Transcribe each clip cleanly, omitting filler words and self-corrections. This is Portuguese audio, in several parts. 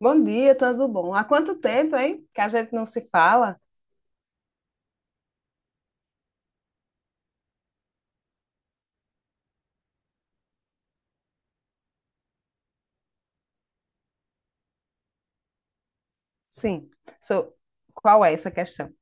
Bom dia, tudo bom? Há quanto tempo, hein? Que a gente não se fala? Sim. So, qual é essa questão?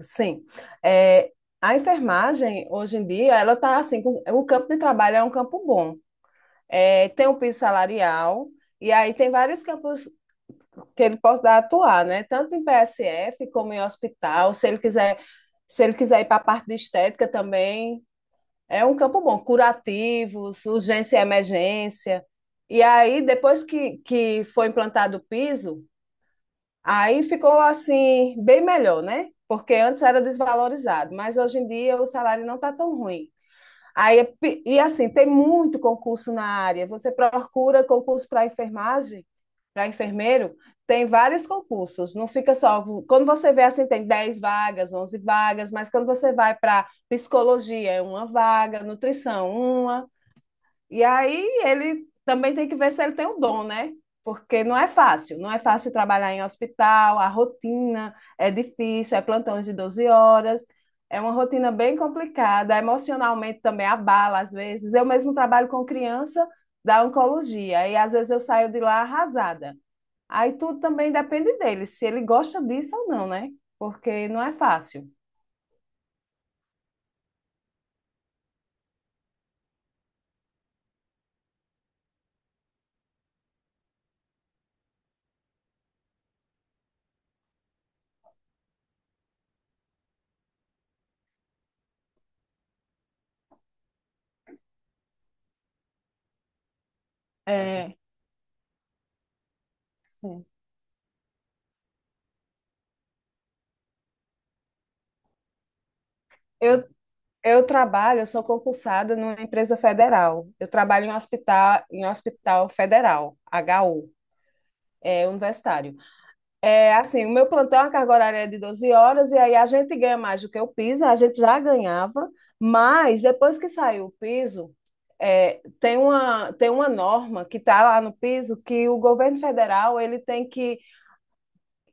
Sim. É, a enfermagem, hoje em dia, ela está assim, o campo de trabalho é um campo bom. É, tem o piso salarial, e aí tem vários campos que ele pode atuar, né? Tanto em PSF como em hospital, se ele quiser ir para a parte de estética também. É um campo bom, curativos, urgência e emergência. E aí, depois que foi implantado o piso, aí ficou assim, bem melhor, né? Porque antes era desvalorizado, mas hoje em dia o salário não está tão ruim. Aí, e assim, tem muito concurso na área. Você procura concurso para enfermagem, para enfermeiro, tem vários concursos. Não fica só. Quando você vê assim, tem 10 vagas, 11 vagas, mas quando você vai para psicologia, é uma vaga, nutrição, uma, e aí ele também tem que ver se ele tem o dom, né? Porque não é fácil, não é fácil trabalhar em hospital, a rotina é difícil, é plantões de 12 horas, é uma rotina bem complicada, emocionalmente também abala às vezes. Eu mesmo trabalho com criança da oncologia e às vezes eu saio de lá arrasada. Aí tudo também depende dele, se ele gosta disso ou não, né? Porque não é fácil. É, sim. Eu Eu trabalho, eu sou concursada numa empresa federal. Eu trabalho em hospital federal, HU, universitário. É assim, o meu plantão, a carga horária é de 12 horas, e aí a gente ganha mais do que o piso, a gente já ganhava, mas depois que saiu o piso, tem uma norma que está lá no piso que o governo federal ele tem que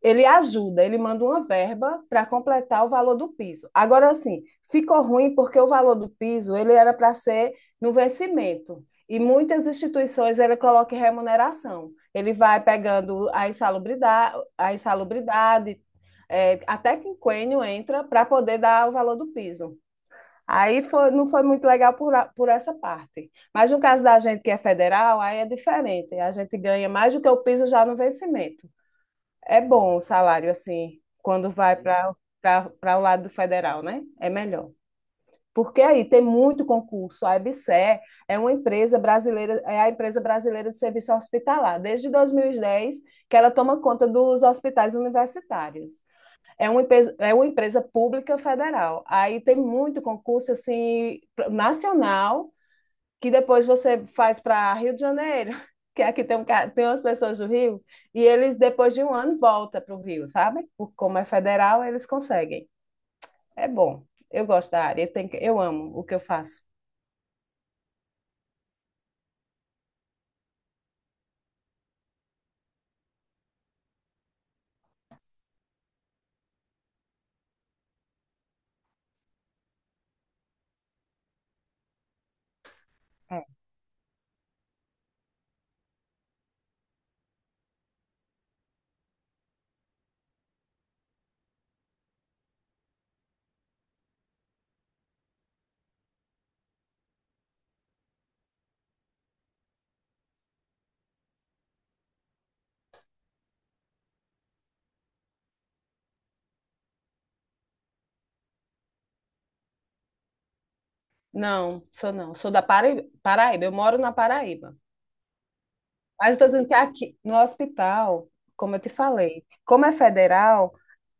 ele ajuda, ele manda uma verba para completar o valor do piso. Agora, assim, ficou ruim porque o valor do piso ele era para ser no vencimento. E muitas instituições ele coloca em remuneração. Ele vai pegando a insalubridade, até que o quinquênio entra para poder dar o valor do piso. Aí foi, não foi muito legal por essa parte. Mas no caso da gente que é federal, aí é diferente. A gente ganha mais do que o piso já no vencimento. É bom o salário, assim, quando vai para o lado do federal, né? É melhor. Porque aí tem muito concurso. A EBSER é uma empresa brasileira, é a empresa brasileira de serviço hospitalar, desde 2010, que ela toma conta dos hospitais universitários. É uma empresa pública federal. Aí tem muito concurso assim nacional que depois você faz para Rio de Janeiro, que aqui tem umas pessoas do Rio, e eles, depois de um ano, voltam para o Rio, sabe? Como é federal, eles conseguem. É bom. Eu gosto da área, eu amo o que eu faço. Não, sou não, sou da Paraíba, eu moro na Paraíba. Mas eu estou dizendo que aqui, no hospital, como eu te falei, como é federal,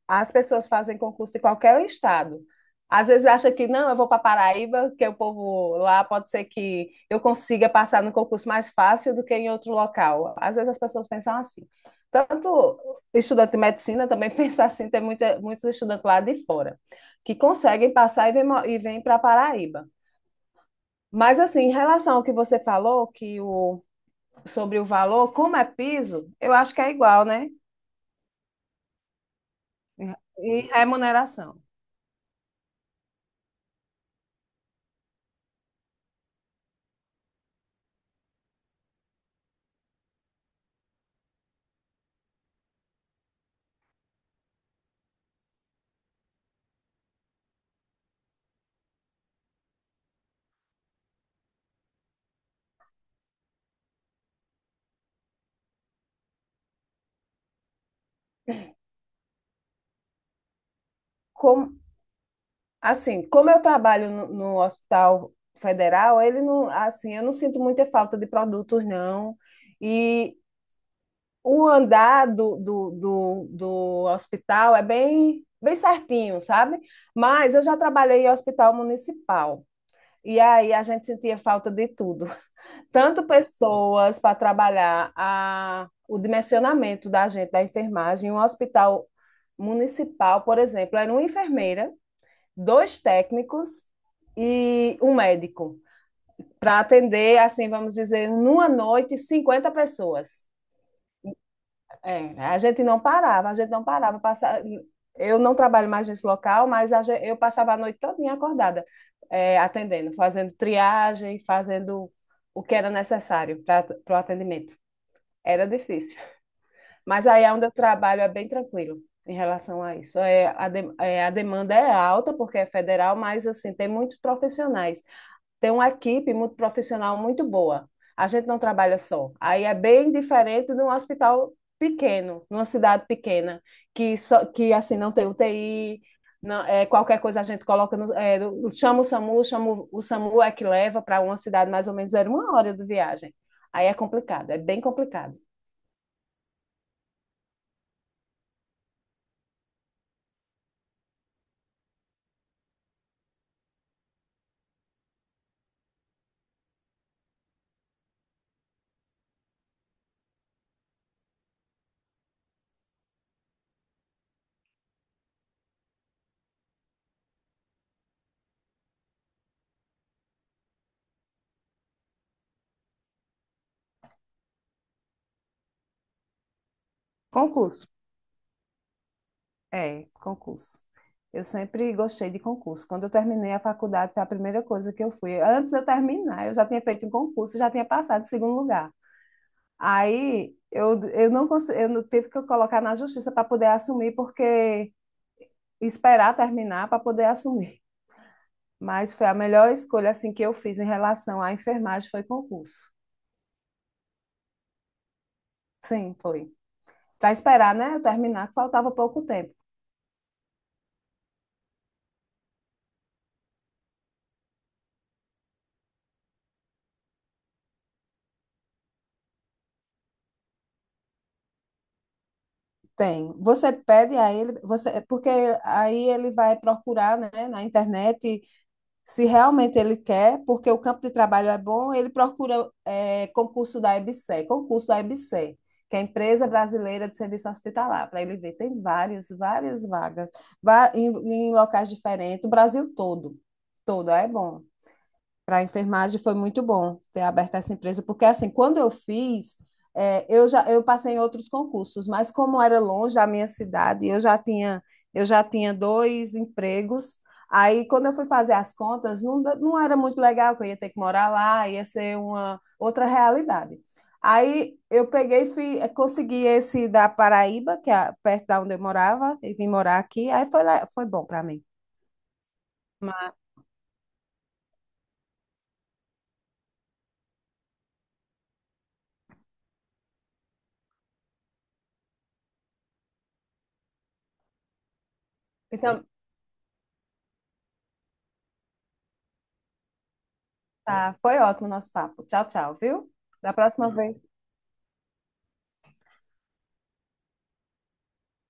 as pessoas fazem concurso em qualquer estado. Às vezes acha que não, eu vou para Paraíba, que o povo lá pode ser que eu consiga passar no concurso mais fácil do que em outro local. Às vezes as pessoas pensam assim. Tanto estudante de medicina também pensa assim, tem muitos estudantes lá de fora que conseguem passar e vêm e vem para Paraíba. Mas assim, em relação ao que você falou, sobre o valor, como é piso, eu acho que é igual, né? E remuneração. Como, Assim, como eu trabalho no Hospital Federal, ele não, assim, eu não sinto muita falta de produtos, não. E o andar do hospital é bem, bem certinho, sabe? Mas eu já trabalhei em hospital municipal. E aí a gente sentia falta de tudo. Tanto pessoas para trabalhar o dimensionamento da gente, da enfermagem. Um hospital municipal, por exemplo, era uma enfermeira, dois técnicos e um médico para atender, assim, vamos dizer, numa noite, 50 pessoas. É, a gente não parava, a gente não parava. Passa. Eu não trabalho mais nesse local, mas eu passava a noite toda acordada, atendendo, fazendo triagem, fazendo o que era necessário para o atendimento. Era difícil. Mas aí é onde eu trabalho é bem tranquilo em relação a isso. A demanda é alta, porque é federal, mas assim, tem muitos profissionais, tem uma equipe muito profissional, muito boa. A gente não trabalha só. Aí é bem diferente de um hospital pequeno, numa cidade pequena, que só que assim não tem UTI, não, qualquer coisa a gente coloca no, é, chama o SAMU, chama o SAMU é que leva para uma cidade mais ou menos era uma hora de viagem. Aí é complicado, é bem complicado. Concurso. É, concurso. Eu sempre gostei de concurso. Quando eu terminei a faculdade, foi a primeira coisa que eu fui. Antes de eu terminar, eu já tinha feito um concurso, já tinha passado em segundo lugar. Aí eu não consegui, eu não- tive que colocar na justiça para poder assumir, porque esperar terminar para poder assumir. Mas foi a melhor escolha assim que eu fiz em relação à enfermagem, foi concurso. Sim, foi. Para esperar, né, eu terminar, que faltava pouco tempo. Tem. Você pede a ele, é porque aí ele vai procurar, né, na internet se realmente ele quer, porque o campo de trabalho é bom, ele procura concurso da EBSER, que é a Empresa Brasileira de Serviço Hospitalar, para ele ver. Tem várias vagas, em locais diferentes, o Brasil todo. Todo, é bom. Para a enfermagem foi muito bom ter aberto essa empresa, porque assim, quando eu fiz, eu já eu passei em outros concursos, mas como era longe da minha cidade, eu já tinha dois empregos. Aí, quando eu fui fazer as contas, não, não era muito legal, que eu ia ter que morar lá, ia ser uma outra realidade. Aí, eu peguei, e fui, consegui esse da Paraíba, que é perto da onde eu morava, e vim morar aqui. Aí foi, foi bom para mim. Mas- Então, tá, foi ótimo o nosso papo. Tchau, tchau, viu? Da próxima vez.